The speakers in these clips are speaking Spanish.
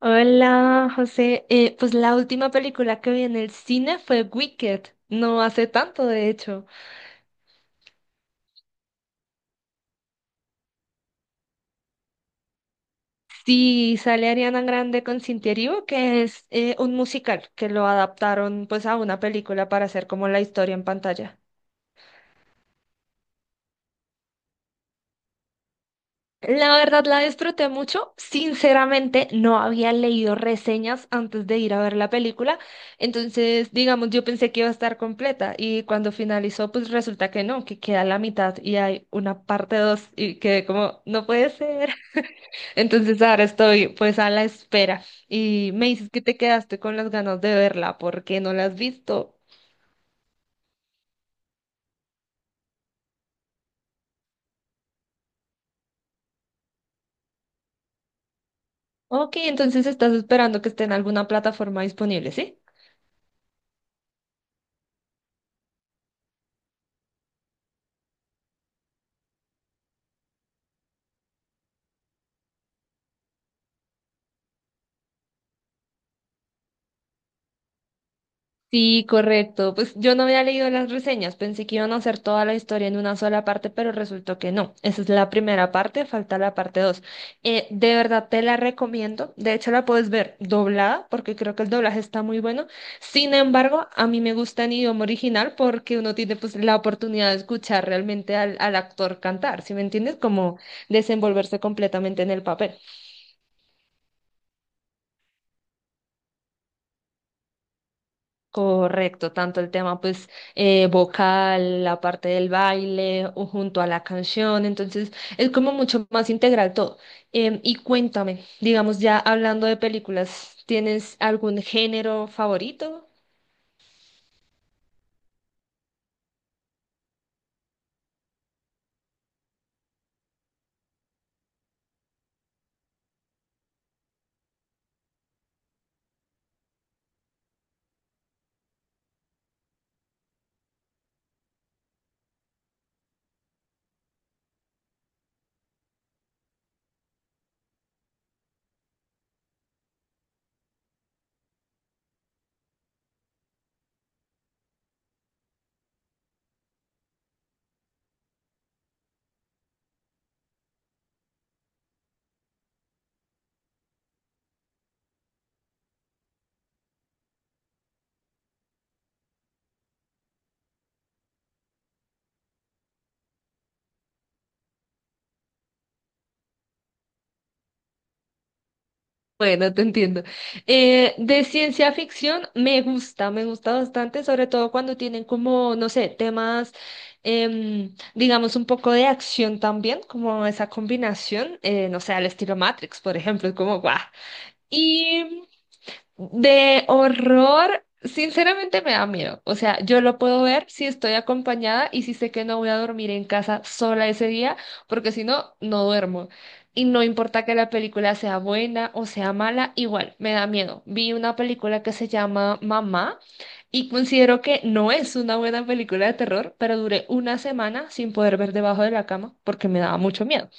Hola, José. Pues la última película que vi en el cine fue Wicked, no hace tanto, de hecho. Sí, sale Ariana Grande con Cynthia Erivo, que es un musical que lo adaptaron pues a una película para hacer como la historia en pantalla. La verdad la disfruté mucho. Sinceramente, no había leído reseñas antes de ir a ver la película. Entonces, digamos, yo pensé que iba a estar completa y cuando finalizó, pues resulta que no, que queda la mitad y hay una parte dos y quedé como, no puede ser. Entonces, ahora estoy pues a la espera y me dices que te quedaste con las ganas de verla porque no la has visto. Ok, entonces estás esperando que esté en alguna plataforma disponible, ¿sí? Sí, correcto. Pues yo no había leído las reseñas, pensé que iban a hacer toda la historia en una sola parte, pero resultó que no. Esa es la primera parte, falta la parte 2. De verdad te la recomiendo. De hecho, la puedes ver doblada, porque creo que el doblaje está muy bueno. Sin embargo, a mí me gusta en idioma original porque uno tiene pues la oportunidad de escuchar realmente al actor cantar, ¿sí me entiendes? Como desenvolverse completamente en el papel. Correcto, tanto el tema pues vocal, la parte del baile o junto a la canción, entonces es como mucho más integral todo. Y cuéntame, digamos ya hablando de películas, ¿tienes algún género favorito? Bueno, te entiendo. De ciencia ficción me gusta bastante, sobre todo cuando tienen como, no sé, temas, digamos, un poco de acción también, como esa combinación, no sé, al estilo Matrix, por ejemplo, es como, guau. Y de horror, sinceramente me da miedo. O sea, yo lo puedo ver si estoy acompañada y si sé que no voy a dormir en casa sola ese día, porque si no, no duermo. Y no importa que la película sea buena o sea mala, igual me da miedo. Vi una película que se llama Mamá y considero que no es una buena película de terror, pero duré una semana sin poder ver debajo de la cama porque me daba mucho miedo.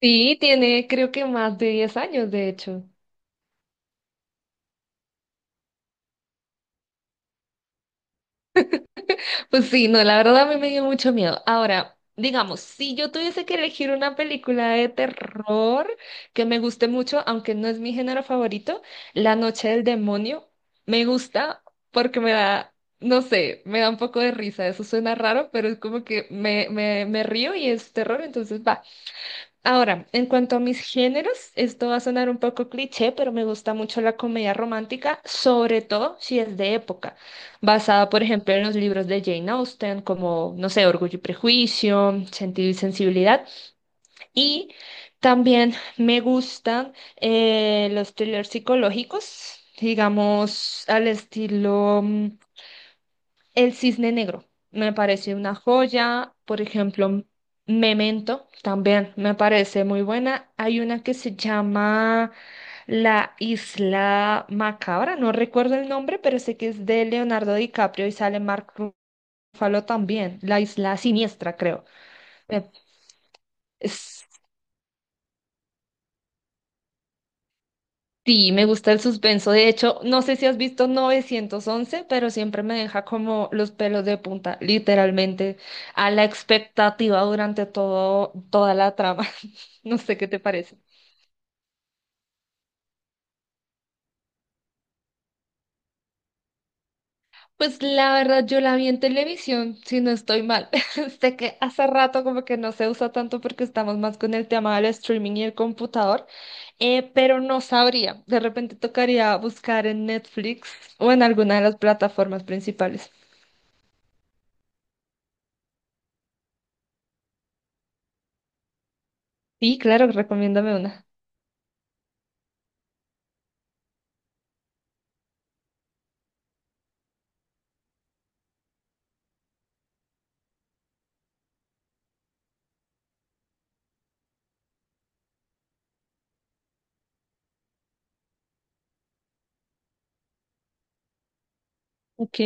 Sí, tiene creo que más de 10 años, de hecho. Pues sí, no, la verdad a mí me dio mucho miedo. Ahora, digamos, si yo tuviese que elegir una película de terror que me guste mucho, aunque no es mi género favorito, La Noche del Demonio me gusta porque me da, no sé, me da un poco de risa. Eso suena raro, pero es como que me río y es terror, entonces va. Ahora, en cuanto a mis géneros, esto va a sonar un poco cliché, pero me gusta mucho la comedia romántica, sobre todo si es de época, basada, por ejemplo, en los libros de Jane Austen, como, no sé, Orgullo y Prejuicio, Sentido y Sensibilidad, y también me gustan los thrillers psicológicos, digamos, al estilo el Cisne Negro me parece una joya. Por ejemplo, Memento también me parece muy buena. Hay una que se llama La Isla Macabra, no recuerdo el nombre, pero sé que es de Leonardo DiCaprio y sale Mark Ruffalo también. La Isla Siniestra, creo. Me- es- Sí, me gusta el suspenso. De hecho, no sé si has visto 911, pero siempre me deja como los pelos de punta, literalmente, a la expectativa durante toda la trama. No sé qué te parece. Pues la verdad, yo la vi en televisión, si no estoy mal. Sé que hace rato como que no se usa tanto porque estamos más con el tema del streaming y el computador, pero no sabría. De repente tocaría buscar en Netflix o en alguna de las plataformas principales. Sí, claro, recomiéndame una. Ok.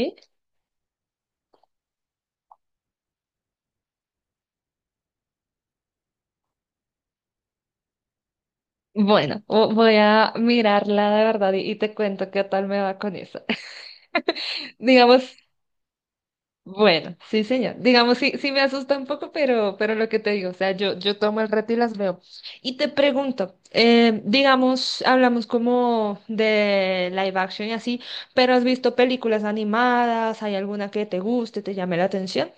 Bueno, voy a mirarla de verdad y te cuento qué tal me va con eso. Digamos, bueno, sí, señor. Digamos, sí, sí me asusta un poco, pero lo que te digo, o sea, yo tomo el reto y las veo. Y te pregunto, digamos, hablamos como de live action y así, pero ¿has visto películas animadas? ¿Hay alguna que te guste, te llame la atención?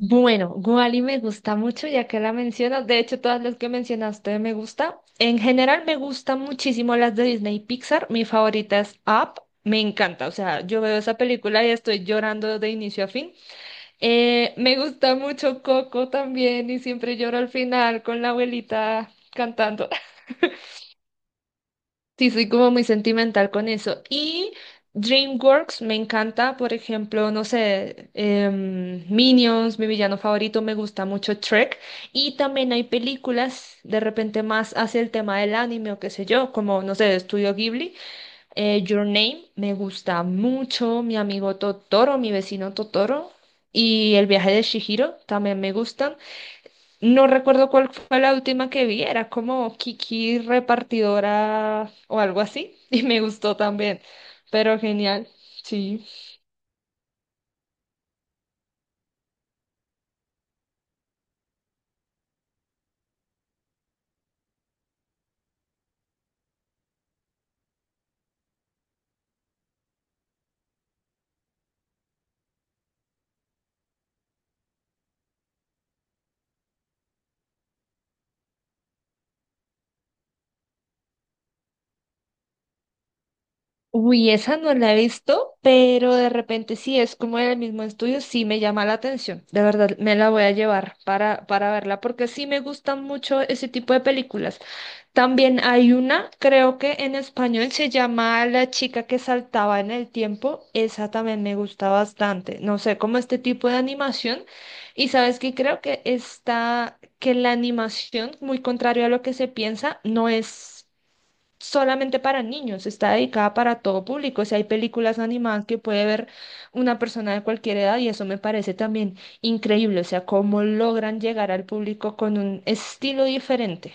Bueno, Wally me gusta mucho, ya que la mencionas. De hecho, todas las que mencionaste me gusta. En general, me gustan muchísimo las de Disney y Pixar. Mi favorita es Up. Me encanta, o sea, yo veo esa película y estoy llorando de inicio a fin. Me gusta mucho Coco también y siempre lloro al final con la abuelita cantando. Sí, soy como muy sentimental con eso. Y DreamWorks me encanta, por ejemplo, no sé, Minions, mi villano favorito, me gusta mucho Trek. Y también hay películas de repente más hacia el tema del anime o qué sé yo, como, no sé, de Estudio Ghibli. Your Name me gusta mucho, mi amigo Totoro, mi vecino Totoro. Y El viaje de Shihiro también me gustan. No recuerdo cuál fue la última que vi, era como Kiki repartidora o algo así, y me gustó también, pero genial, sí. Uy, esa no la he visto, pero de repente sí es como el mismo estudio, sí me llama la atención. De verdad, me la voy a llevar para verla, porque sí me gustan mucho ese tipo de películas. También hay una, creo que en español se llama La chica que saltaba en el tiempo. Esa también me gusta bastante. No sé, como este tipo de animación. Y sabes que creo que está, que la animación, muy contrario a lo que se piensa, no es solamente para niños, está dedicada para todo público. O sea, hay películas animadas que puede ver una persona de cualquier edad y eso me parece también increíble. O sea, cómo logran llegar al público con un estilo diferente.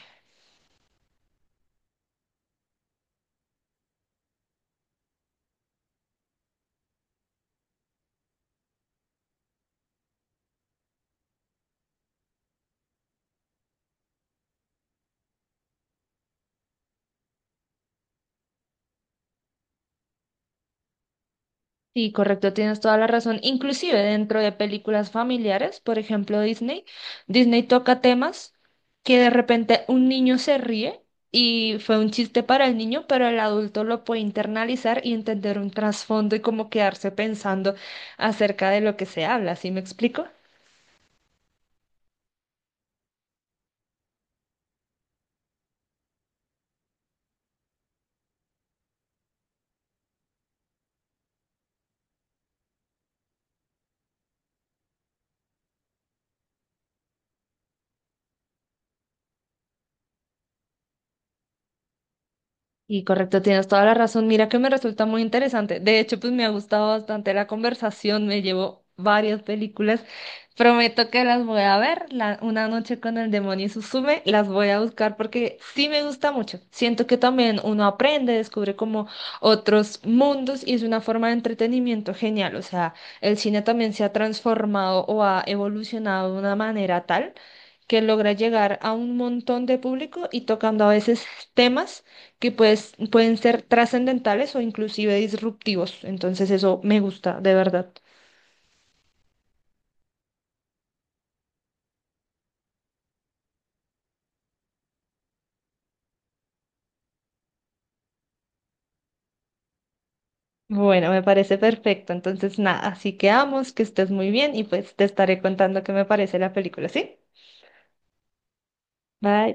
Sí, correcto, tienes toda la razón. Inclusive dentro de películas familiares, por ejemplo Disney, Disney toca temas que de repente un niño se ríe y fue un chiste para el niño, pero el adulto lo puede internalizar y entender un trasfondo y como quedarse pensando acerca de lo que se habla, ¿sí me explico? Y correcto, tienes toda la razón. Mira que me resulta muy interesante. De hecho, pues me ha gustado bastante la conversación. Me llevo varias películas. Prometo que las voy a ver. Una noche con el demonio Suzume, las voy a buscar porque sí me gusta mucho. Siento que también uno aprende, descubre como otros mundos y es una forma de entretenimiento genial. O sea, el cine también se ha transformado o ha evolucionado de una manera tal que logra llegar a un montón de público y tocando a veces temas que pues, pueden ser trascendentales o inclusive disruptivos. Entonces eso me gusta, de verdad. Bueno, me parece perfecto. Entonces, nada, así quedamos, que estés muy bien y pues te estaré contando qué me parece la película, ¿sí? Bye.